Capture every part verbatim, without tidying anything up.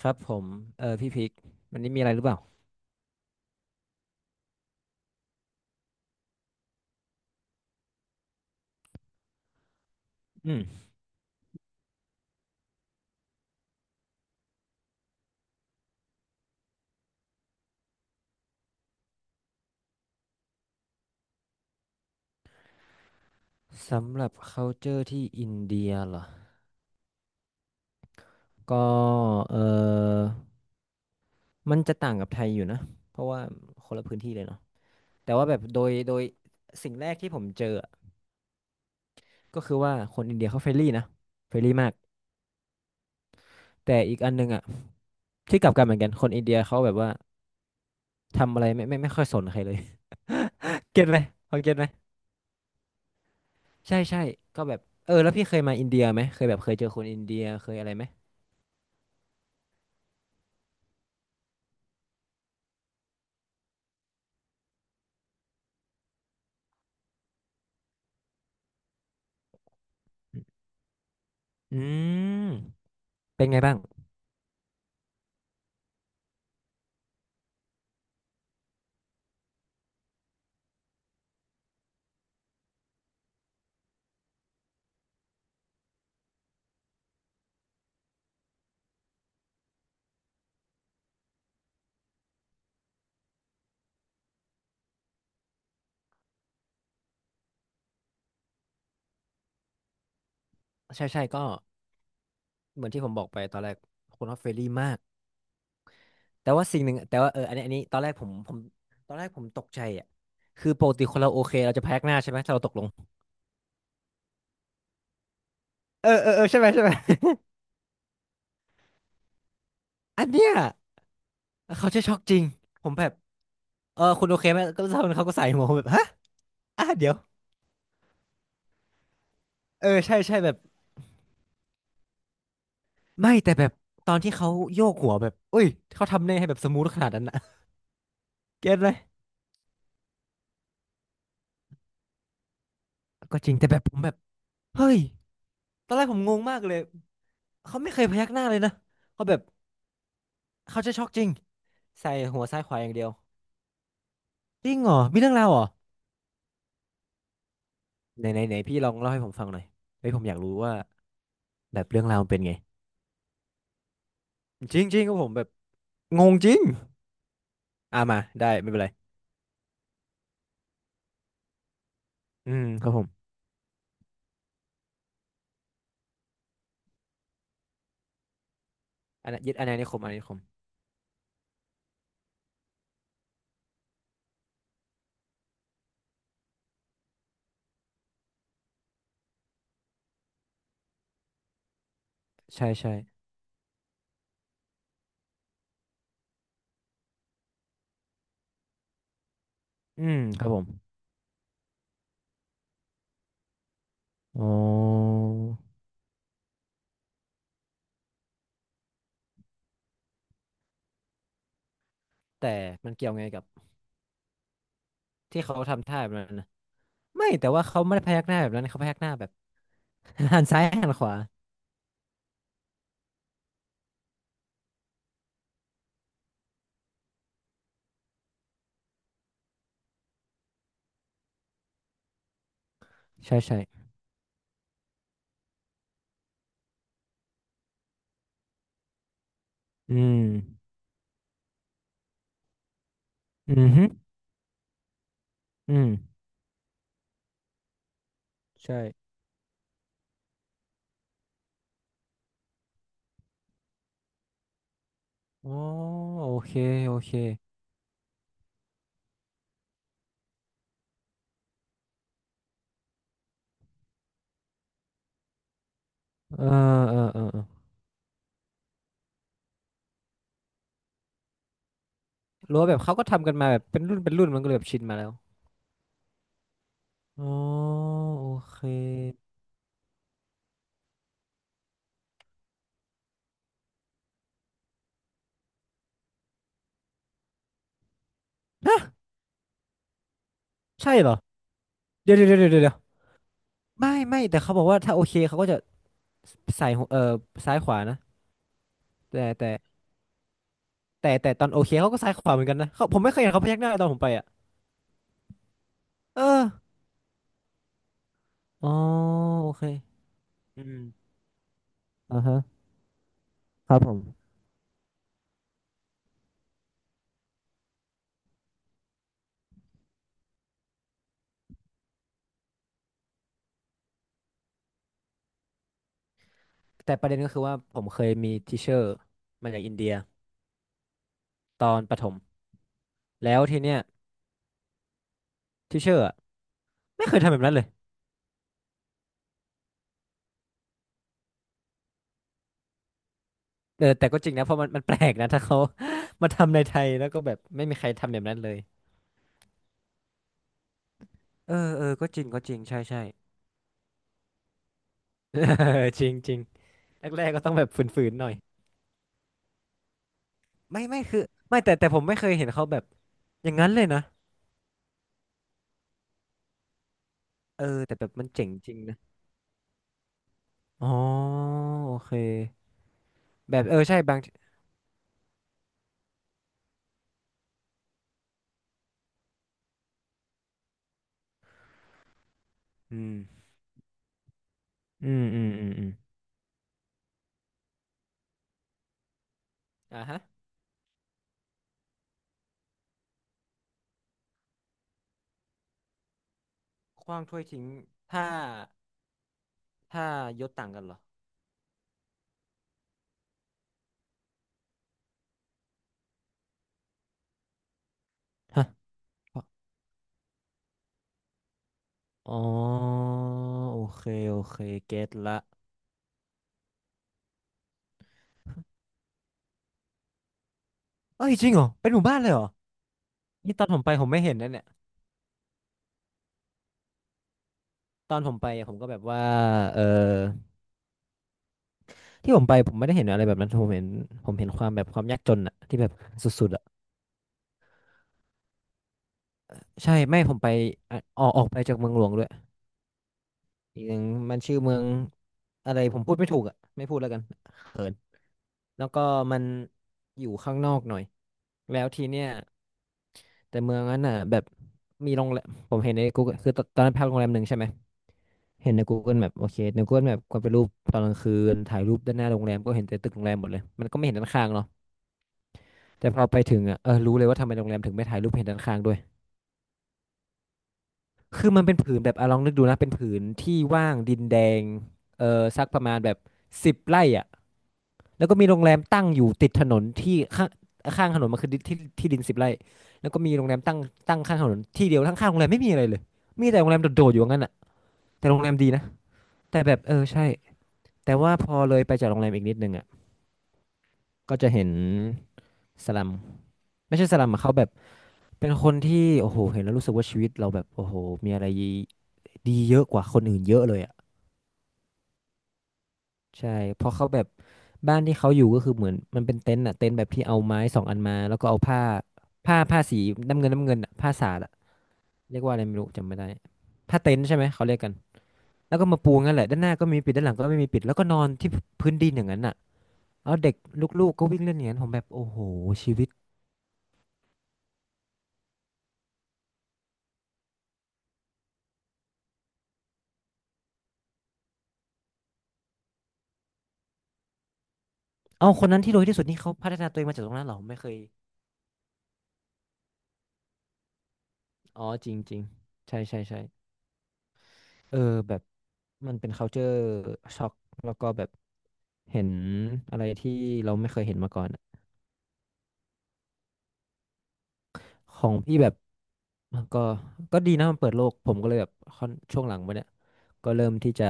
ครับผมเออพี่พิกวันนี้มีอะไรหรือเปล่าอืมสำหรับ culture ที่อินเดียเหรอก็เออมันจะต่างกับไทยอยู่นะเพราะว่าคนละพื้นที่เลยเนาะแต่ว่าแบบโดยโดยสิ่งแรกที่ผมเจออะก็คือว่าคนอินเดียเขาเฟรนลี่นะเฟรนลี่มากแต่อีกอันหนึงอ่ะที่กลับกันเหมือนกันคนอินเดียเขาแบบว่าทำอะไรไม่ไม่ไม่ค่อยสนใครเลย เก็ตไหมพอเก็ตไหมใช่ใช่ก็แบบเออแล้วพี่เคยมาอินเดียไหมเคยแบบเคยเจอคนอินเดียเคยอะไรไหมอืมเป็นไงบ้าง ใช่ใช่ก็เหมือนที่ผมบอกไปตอนแรกคนออสเฟรลี่มากแต่ว่าสิ่งหนึ่งแต่ว่าเอออันนี้อันนี้ตอนแรกผมผมตอนแรกผมตกใจอ่ะคือปกติคนเราโอเคเราจะพยักหน้าใช่ไหมถ้าเราตกลงเออเออเออใช่ไหมใช่ไหม อันเนี้ยเขาจะช็อกจริงผมแบบเออคุณโอเคไหมก็เท่านั้นเขาก็ใส่หัวผมแบบฮะอ่ะเดี๋ยวเออใช่ใช่แบบไม่แต่แบบตอนที่เขาโยกหัวแบบอุ้ยเขาทำได้ให้แบบสมูทขนาดนั้นนะ เก็ตไหมก็จริงแต่แบบผมแบบเฮ้ยตอนแรกผมงงมากเลยเขาไม่เคยพยักหน้าเลยนะเขาแบบ เขาจะช็อกจริงใส่หัวซ้ายขวาอย่างเดียวจริงเหรอมีเรื่องราวเหรอไหนไหนไหนพี่ลองเล่าให้ผมฟังหน่อยเฮ้ยผมอยากรู้ว่าแบบเรื่องราวมันเป็นไงจริงจริงก็ผมแบบงงจริงอ่ามาได้ไม่เป็นไรอืมครับผมอันนั้นยึดอาณานิคมอาณานิคมใช่ใช่อืมครับผมอ๋อแต่มันเกี่ยวไงกับที่เขาทำท่าแบบนั้นนะไม่แต่ว่าเขาไม่ได้พยักหน้าแบบนั้นเขาพยักหน้าแบบ หันซ้ายหันขวาใช่ใช่อืมอืมอฮออืมใช่อ๋อโอเคโอเค เออเออเออเออรู้ว่าแบบเขาก็ทำกันมาแบบเป็นรุ่นเป็นรุ่นมันก็เลยแบบชินมาแล้วอ๋อโอเคฮะใช่เหรอเดี๋ยวเดี๋ยวเดี๋ยวเดี๋ยวเดี๋ยวไม่ไม่แต่เขาบอกว่าถ้าโอเคเขาก็จะใส่หัวเออซ้ายขวานะแต่แต่แต่แต่ตอนโอเคเขาก็ซ้ายขวาเหมือนกันนะเขาผมไม่เคยเห็นเขาพยักหน้าตอนผมไปอ่ะเอออ๋อโอเคอืมอ่าฮะครับผมแต่ประเด็นก็คือว่าผมเคยมีทิเชอร์มาจากอินเดียตอนประถมแล้วทีเนี้ยทิเชอร์ไม่เคยทำแบบนั้นเลย เออแต่ก็จริงนะเพราะมันมันแปลกนะถ้าเขา มาทำในไทยแล้วก็แบบไม่มีใครทำแบบนั้นเลยเออเออก็จริงก็จริงใช่ใช่ เออจริงจริงแรกๆก็ต้องแบบฝืนๆหน่อยไม่ไม่คือไม่แต่แต่ผมไม่เคยเห็นเขาแบบอย่างนั้นเลยนะเออแต่แบบมันเจ๋งจริงนะอ๋อโอเคแบบเออใช่บางทีอืมอืมอืมอืมอืมอ่าฮะขว้างถ้วยทิ้งถ้าถ้ายศต่างกันเหรอฮะอ๋อโอเคโอเคเก็ตละ เอ้ยจริงเหรอเป็นหมู่บ้านเลยเหรอนี่ตอนผมไปผมไม่เห็นนะเนี่ยตอนผมไปอะผมก็แบบว่าเออที่ผมไปผมไม่ได้เห็นอะไรแบบนั้นผมเห็นผมเห็นความแบบความยากจนอะที่แบบสุดๆอะใช่ไม่ผมไปอะออกออกไปจากเมืองหลวงด้วยอีกอย่างมันชื่อเมืองอะไรผมพูดไม่ถูกอะไม่พูดแล้วกันเขินแล้วก็มันอยู่ข้างนอกหน่อยแล้วทีเนี้ยแต่เมืองนั้นอ่ะแบบมีโรงแรมผมเห็นในกูคือตอนตอนนั้นพักโรงแรมหนึ่งใช่ไหม เห็นใน Google Map โอเคใน Google Map ก็เป็นรูปตอนกลางคืนถ่ายรูปด้านหน้าโรงแรมก็เห็นแต่ตึกโรงแรมหมดเลยมันก็ไม่เห็นด้านข้างเนาะแต่พอไปถึงอ่ะเออรู้เลยว่าทำไมโรงแรมถึงไม่ถ่ายรูปเห็นด้านข้างด้วยคือมันเป็นผืนแบบอะลองนึกดูนะเป็นผืนที่ว่างดินแดงเออสักประมาณแบบสิบไร่อ่ะแล้วก็มีโรงแรมตั้งอยู่ติดถนนที่ข้างข้างถนนมันคือดินที่ที่ดินสิบไร่แล้วก็มีโรงแรมตั้งตั้งข้างถนนที่เดียวทั้งข้างโรงแรมไม่มีอะไรเลยมีแต่โรงแรมโดดๆอยู่งั้นอ่ะแต่โรงแรมดีนะแต่แบบเออใช่แต่ว่าพอเลยไปจากโรงแรมอีกนิดนึงอ่ะ ก็จะเห็นสลัมไม่ใช่สลัมอะเขาแบบเป็นคนที่โอ้โหเห็นแล้วรู้สึกว่าชีวิตเราแบบโอ้โหมีอะไรดีเยอะกว่าคนอื่นเยอะเลยอ่ะใช่เพราะเขาแบบบ้านที่เขาอยู่ก็คือเหมือนมันเป็นเต็นท์อ่ะเต็นท์แบบที่เอาไม้สองอันมาแล้วก็เอาผ้าผ้าผ้าสีน้ำเงินน้ำเงินอะผ้าสาดอะเรียกว่าอะไรไม่รู้จำไม่ได้ผ้าเต็นท์ใช่ไหมเขาเรียกกันแล้วก็มาปูงั้นแหละด้านหน้าก็ไมมีปิดด้านหลังก็ไม่มีปิดแล้วก็นอนที่พื้นดินอย่างนั้นอ่ะเอาเด็กลูกๆก็วิ่งเล่นอย่างนั้นผมแบบโอ้โหชีวิตเอาคนนั้นที่รวยที่สุดนี่เขาพัฒนาตัวเองมาจากตรงนั้นเหรอผมไม่เคย อ๋อจริงจริงใช่ใช่ใช่เออแบบมันเป็น culture shock แล้วก็แบบเห็นอะไรที่เราไม่เคยเห็นมาก่อนอะของพี่แบบมันก็ก็ดีนะมันเปิดโลกผมก็เลยแบบค่อนช่วงหลังมาเนี่ยก็เริ่มที่จะ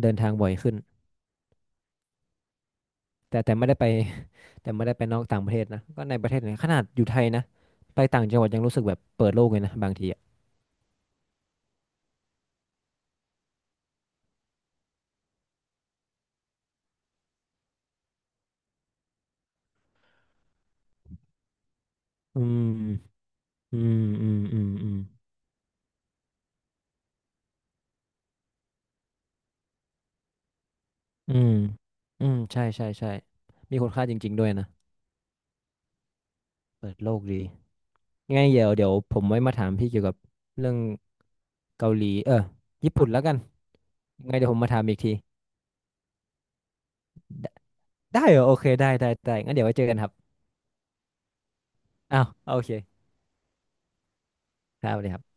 เดินทางบ่อยขึ้นแต่แต่ไม่ได้ไป แต่ไม่ได้ไปนอกต่างประเทศนะก็ในประเทศเนี่ยขนาดอยู่ไทยนะไปต่างจังหวัดยังรู้สึกแบบเปิดโลกเลยนะบางทีอ่ะอืมอืมอืมอืมอืมอืมอืมใช่ใช่ใช่มีคุณค่าจริงๆด้วยนะเปิดโลกดี ยังไงเดี๋ยวเดี๋ยวผมไว้มาถามพี่เกี่ยวกับเรื่องเกาหลีเออญี่ปุ่นแล้วกันยังไงเดี๋ยวผมมาถามอีกทีได้ได้เหรอโอเคได้ได้ได้งั้นเดี๋ยวไว้เจอกันครับอ้าวโอเคครับสวัสดีครับ